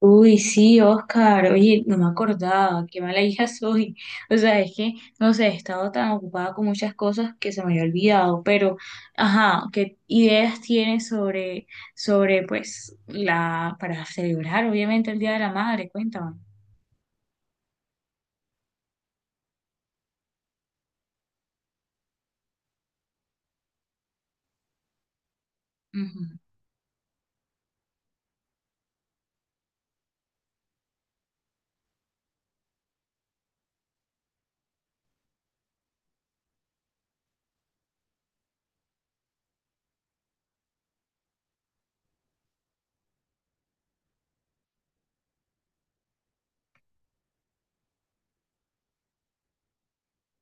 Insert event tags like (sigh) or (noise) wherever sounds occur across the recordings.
Uy, sí, Oscar, oye, no me acordaba, qué mala (laughs) hija soy. O sea, no sé, he estado tan ocupada con muchas cosas que se me había olvidado, pero, ajá, ¿qué ideas tienes para celebrar, obviamente, el Día de la Madre? Cuéntame. Ujú,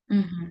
ujú.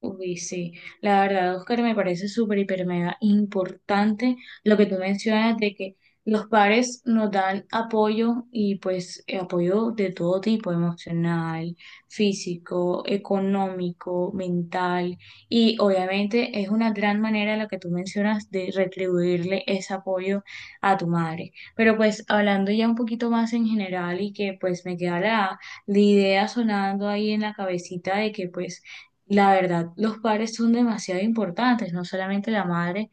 Uy, sí, la verdad, Oscar, me parece súper, hiper, mega importante lo que tú mencionas de que los padres nos dan apoyo y pues apoyo de todo tipo, emocional, físico, económico, mental, y obviamente es una gran manera la que tú mencionas de retribuirle ese apoyo a tu madre. Pero pues hablando ya un poquito más en general y que pues me queda la idea sonando ahí en la cabecita de que pues la verdad, los padres son demasiado importantes, no solamente la madre,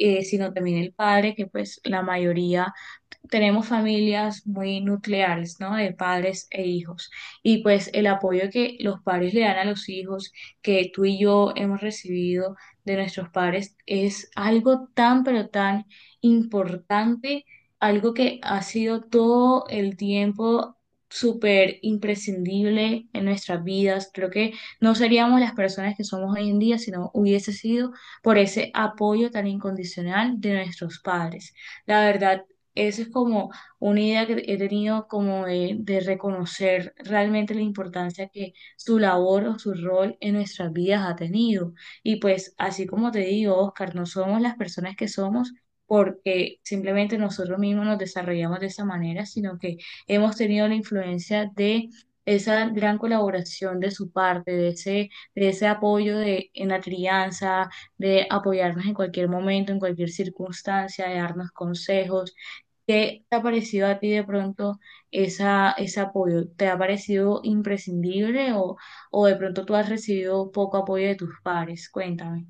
sino también el padre, que pues la mayoría tenemos familias muy nucleares, ¿no? De padres e hijos. Y pues el apoyo que los padres le dan a los hijos, que tú y yo hemos recibido de nuestros padres, es algo tan, pero tan importante, algo que ha sido todo el tiempo súper imprescindible en nuestras vidas. Creo que no seríamos las personas que somos hoy en día si no hubiese sido por ese apoyo tan incondicional de nuestros padres. La verdad esa es como una idea que he tenido como de reconocer realmente la importancia que su labor o su rol en nuestras vidas ha tenido. Y pues así como te digo, Oscar, no somos las personas que somos porque simplemente nosotros mismos nos desarrollamos de esa manera, sino que hemos tenido la influencia de esa gran colaboración de su parte, de ese apoyo de, en la crianza, de apoyarnos en cualquier momento, en cualquier circunstancia, de darnos consejos. ¿Qué te ha parecido a ti de pronto ese apoyo? ¿Te ha parecido imprescindible o de pronto tú has recibido poco apoyo de tus pares? Cuéntame.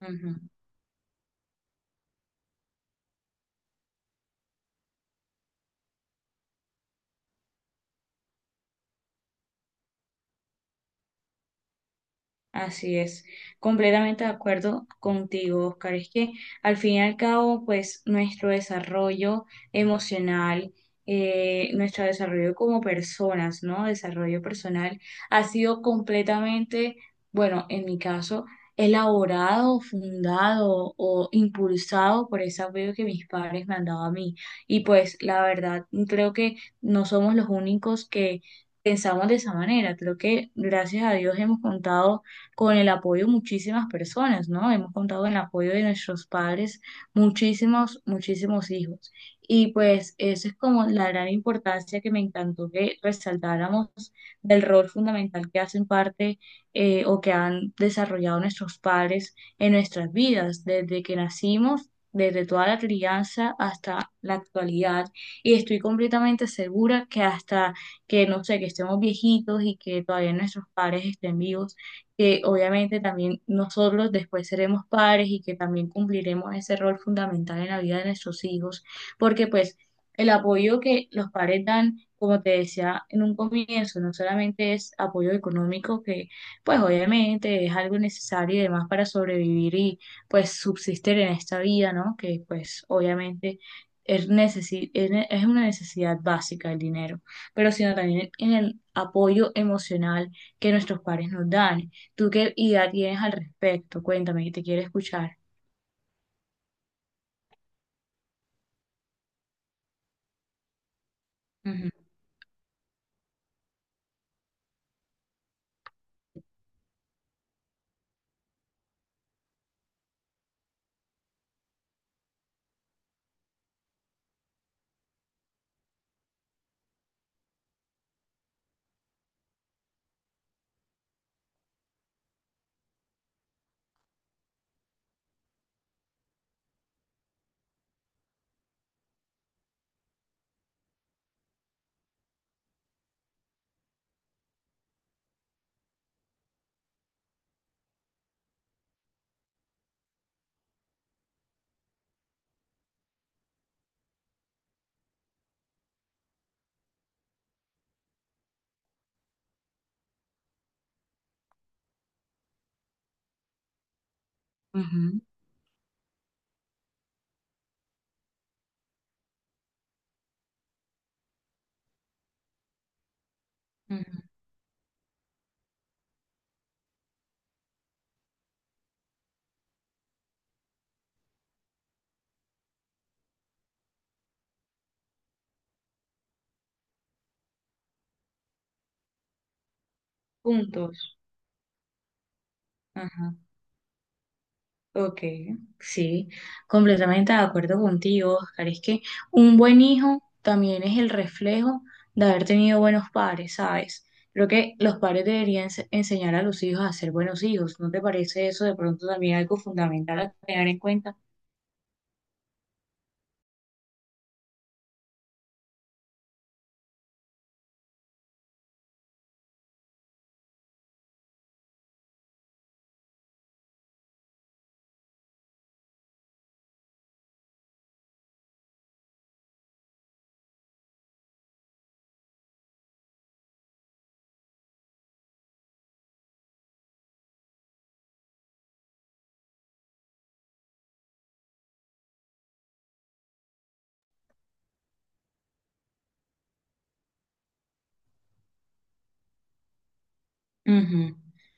Ujú. Así es, completamente de acuerdo contigo, Oscar. Es que al fin y al cabo, pues nuestro desarrollo emocional, nuestro desarrollo como personas, ¿no? Desarrollo personal ha sido completamente, bueno, en mi caso, elaborado, fundado o impulsado por ese apoyo que mis padres me han dado a mí. Y pues la verdad, creo que no somos los únicos que... Pensamos de esa manera. Creo que gracias a Dios hemos contado con el apoyo de muchísimas personas, ¿no? Hemos contado con el apoyo de nuestros padres, muchísimos hijos. Y pues eso es como la gran importancia que me encantó que resaltáramos del rol fundamental que hacen parte o que han desarrollado nuestros padres en nuestras vidas, desde que nacimos, desde toda la crianza hasta la actualidad. Y estoy completamente segura que hasta que, no sé, que estemos viejitos y que todavía nuestros padres estén vivos, que obviamente también nosotros después seremos padres y que también cumpliremos ese rol fundamental en la vida de nuestros hijos, porque pues el apoyo que los padres dan, como te decía en un comienzo, no solamente es apoyo económico, que pues obviamente es algo necesario y demás para sobrevivir y pues subsistir en esta vida, ¿no? Que pues obviamente... es una necesidad básica el dinero, pero sino también en el apoyo emocional que nuestros padres nos dan. ¿Tú qué idea tienes al respecto? Cuéntame, que te quiero escuchar. Ujú, ujú, ujú. Puntos. Ajá. Ok, sí, completamente de acuerdo contigo, Oscar. Es que un buen hijo también es el reflejo de haber tenido buenos padres, ¿sabes? Creo que los padres deberían enseñar a los hijos a ser buenos hijos. ¿No te parece eso de pronto también algo fundamental a tener en cuenta? Ujú.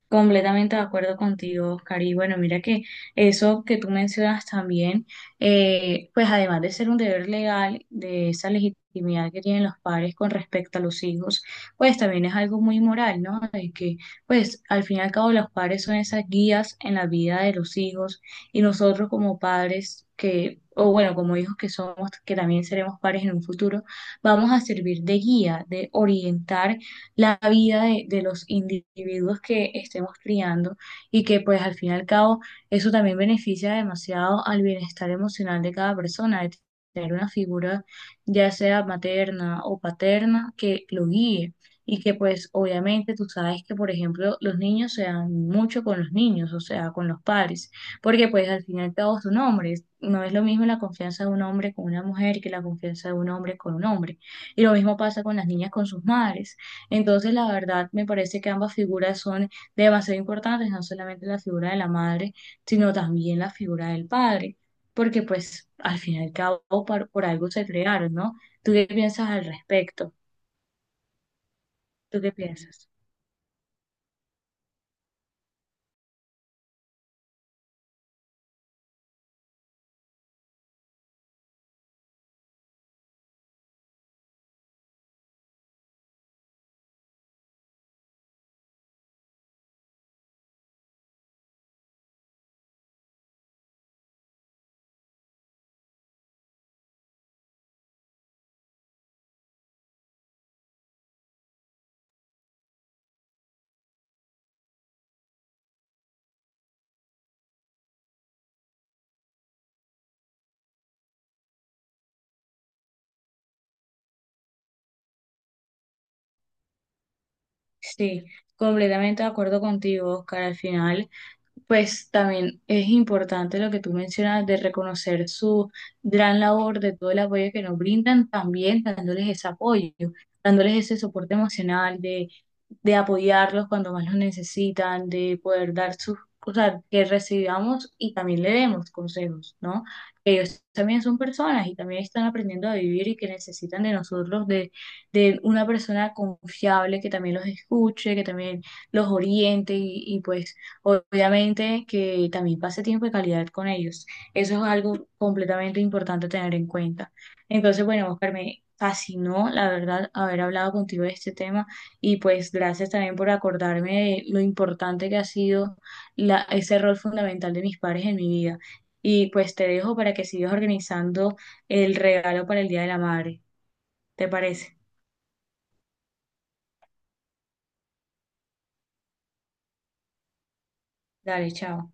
Completamente de acuerdo contigo, Oscar. Y bueno, mira que eso que tú mencionas también, pues además de ser un deber legal, de esa legitimidad que tienen los padres con respecto a los hijos, pues también es algo muy moral, ¿no? De que, pues al fin y al cabo los padres son esas guías en la vida de los hijos y nosotros como padres que, o bueno, como hijos que somos, que también seremos padres en un futuro, vamos a servir de guía, de orientar la vida de los individuos que estemos criando y que pues al fin y al cabo eso también beneficia demasiado al bienestar emocional de cada persona, de tener una figura ya sea materna o paterna que lo guíe y que pues obviamente tú sabes que por ejemplo los niños se dan mucho con los niños, o sea, con los padres, porque pues al fin y al cabo son hombres, no es lo mismo la confianza de un hombre con una mujer que la confianza de un hombre con un hombre, y lo mismo pasa con las niñas con sus madres, entonces, la verdad, me parece que ambas figuras son demasiado importantes, no solamente la figura de la madre, sino también la figura del padre, porque pues al fin y al cabo por algo se crearon, ¿no? ¿Tú qué piensas al respecto? ¿Tú qué piensas? Sí, completamente de acuerdo contigo, Oscar. Al final, pues también es importante lo que tú mencionas de reconocer su gran labor, de todo el apoyo que nos brindan, también dándoles ese apoyo, dándoles ese soporte emocional, de apoyarlos cuando más los necesitan, de poder dar sus, o sea, que recibamos y también le demos consejos, ¿no? Que ellos también son personas y también están aprendiendo a vivir y que necesitan de nosotros, de una persona confiable que también los escuche, que también los oriente y pues obviamente que también pase tiempo de calidad con ellos. Eso es algo completamente importante a tener en cuenta. Entonces, bueno, Oscar, me fascinó, la verdad, haber hablado contigo de este tema. Y pues gracias también por acordarme de lo importante que ha sido la, ese rol fundamental de mis padres en mi vida. Y pues te dejo para que sigas organizando el regalo para el Día de la Madre. ¿Te parece? Dale, chao.